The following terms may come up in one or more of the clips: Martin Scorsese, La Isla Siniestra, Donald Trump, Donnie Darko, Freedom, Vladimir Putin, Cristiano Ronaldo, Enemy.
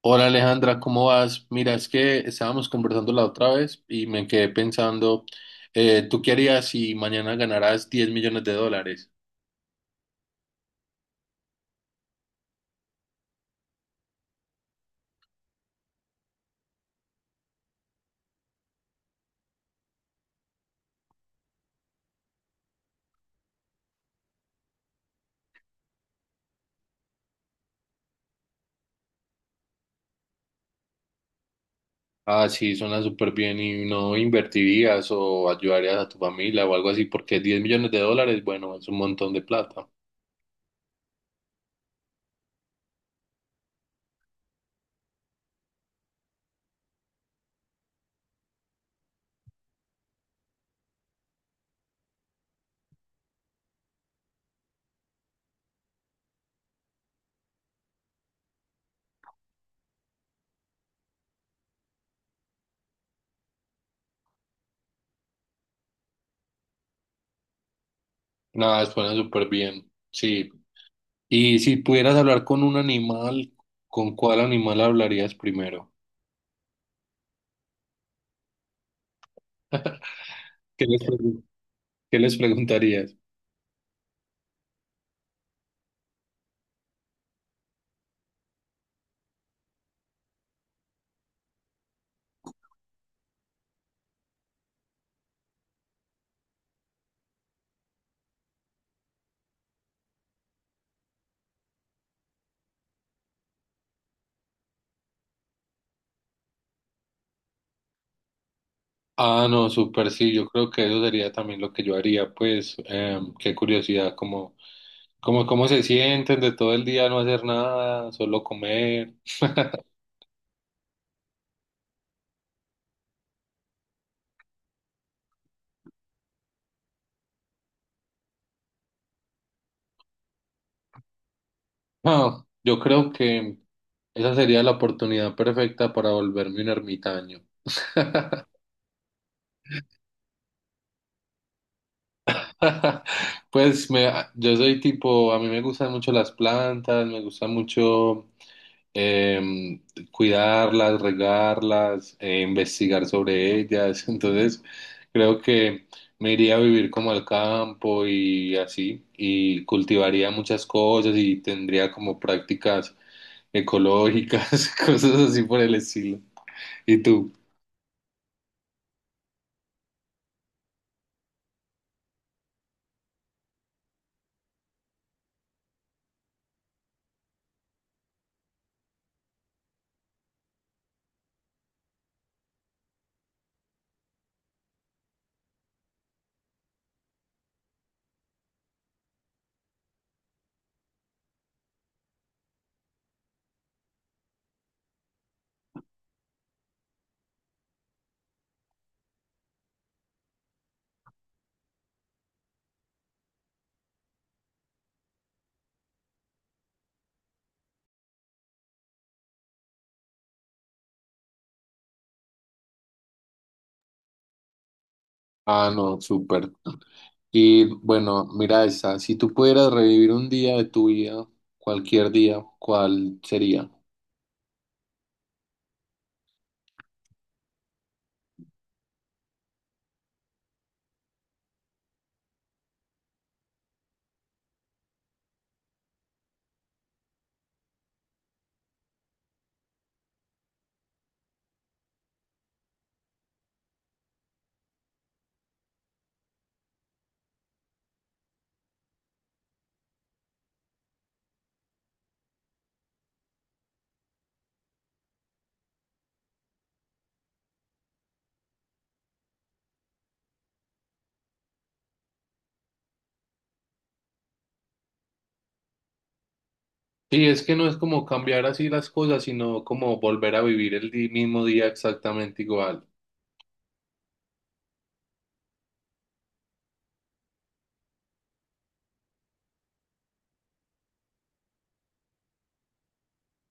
Hola Alejandra, ¿cómo vas? Mira, es que estábamos conversando la otra vez y me quedé pensando, ¿tú qué harías si mañana ganaras 10 millones de dólares? Ah, sí, suena súper bien y no invertirías o ayudarías a tu familia o algo así, porque 10 millones de dólares, bueno, es un montón de plata. Nada, suena súper bien, sí. Y si pudieras hablar con un animal, ¿con cuál animal hablarías primero? ¿Qué les pregun- ¿Qué les preguntarías? Ah, no, súper sí, yo creo que eso sería también lo que yo haría, pues qué curiosidad, como cómo se sienten de todo el día no hacer nada, solo comer. No, yo creo que esa sería la oportunidad perfecta para volverme un ermitaño. Pues me, yo soy tipo, a mí me gustan mucho las plantas, me gusta mucho em, cuidarlas, regarlas, investigar sobre ellas. Entonces, creo que me iría a vivir como al campo y así, y cultivaría muchas cosas y tendría como prácticas ecológicas, cosas así por el estilo. ¿Y tú? Ah, no, súper. Y bueno, mira esta. Si tú pudieras revivir un día de tu vida, cualquier día, ¿cuál sería? Sí, es que no es como cambiar así las cosas, sino como volver a vivir mismo día exactamente igual.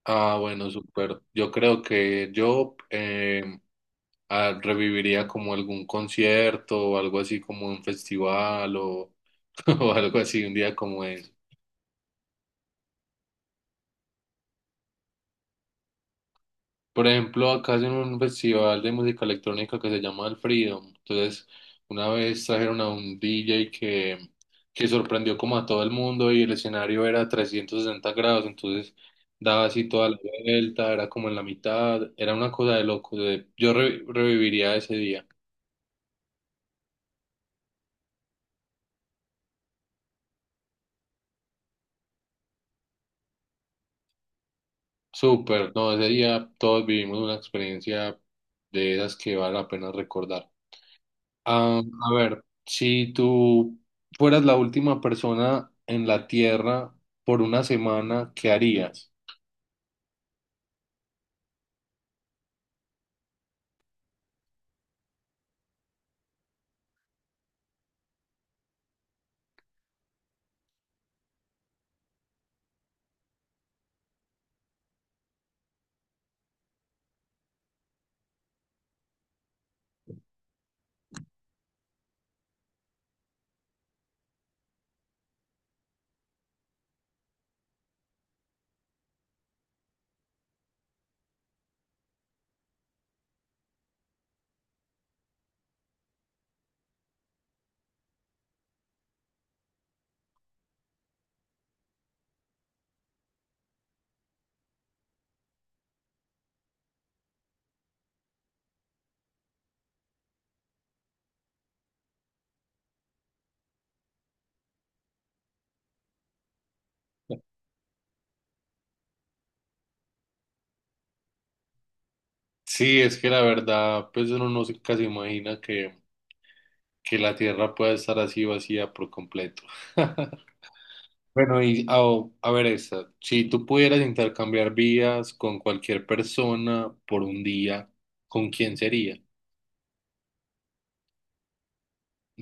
Ah, bueno, súper. Yo creo que yo reviviría como algún concierto o algo así como un festival o algo así, un día como ese. Por ejemplo, acá hacen un festival de música electrónica que se llama el Freedom. Entonces, una vez trajeron a un DJ que sorprendió como a todo el mundo y el escenario era 360 grados, entonces daba así toda la vuelta, era como en la mitad, era una cosa de loco. Yo reviviría ese día. Súper, no, ese día todos vivimos una experiencia de esas que vale la pena recordar. Ah, a ver, si tú fueras la última persona en la Tierra por una semana, ¿qué harías? Sí, es que la verdad, pues uno no se casi imagina que la Tierra pueda estar así vacía por completo. Bueno, a ver esta, si tú pudieras intercambiar vidas con cualquier persona por un día, ¿con quién sería?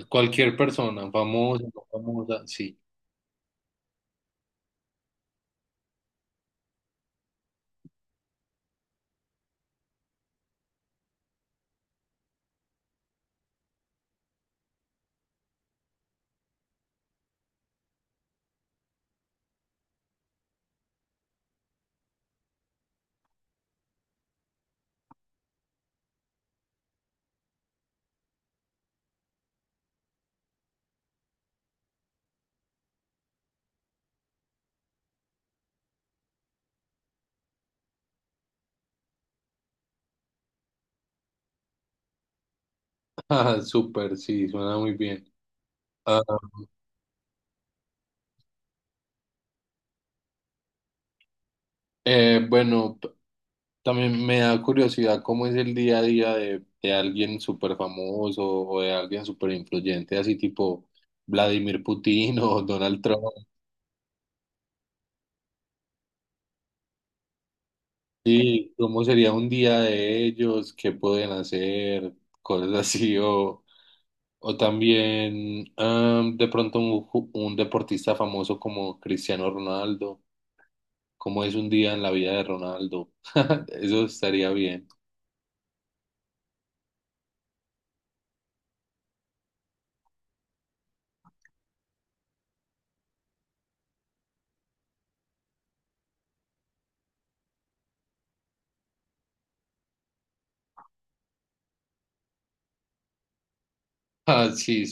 Cualquier persona, famosa, no famosa, sí. Ah, súper, sí, suena muy bien. Ah, bueno, también me da curiosidad cómo es el día a día de alguien súper famoso o de alguien súper influyente, así tipo Vladimir Putin o Donald Trump. Sí, cómo sería un día de ellos, qué pueden hacer, cosas así, o también de pronto un deportista famoso como Cristiano Ronaldo, cómo es un día en la vida de Ronaldo. Eso estaría bien. Ah, sí.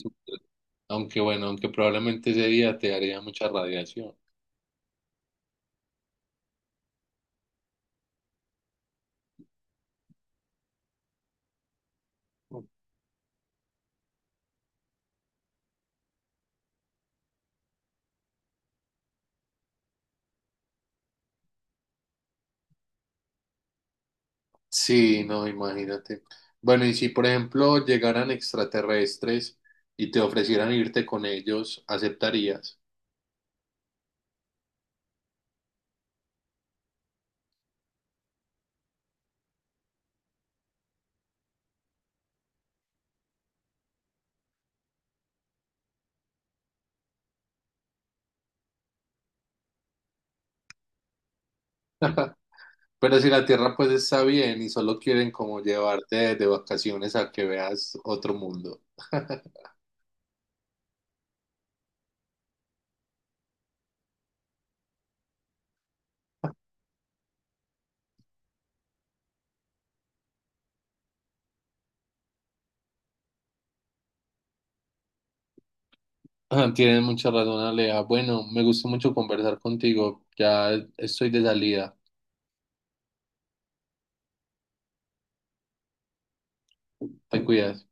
Aunque bueno, aunque probablemente ese día te haría mucha radiación. Sí, no, imagínate. Bueno, y si por ejemplo llegaran extraterrestres y te ofrecieran irte con ellos, ¿aceptarías? Pero si la Tierra pues está bien y solo quieren como llevarte de vacaciones a que veas otro mundo. Ah, tienes mucha razón, Alea. Bueno, me gustó mucho conversar contigo. Ya estoy de salida. Te cuidas.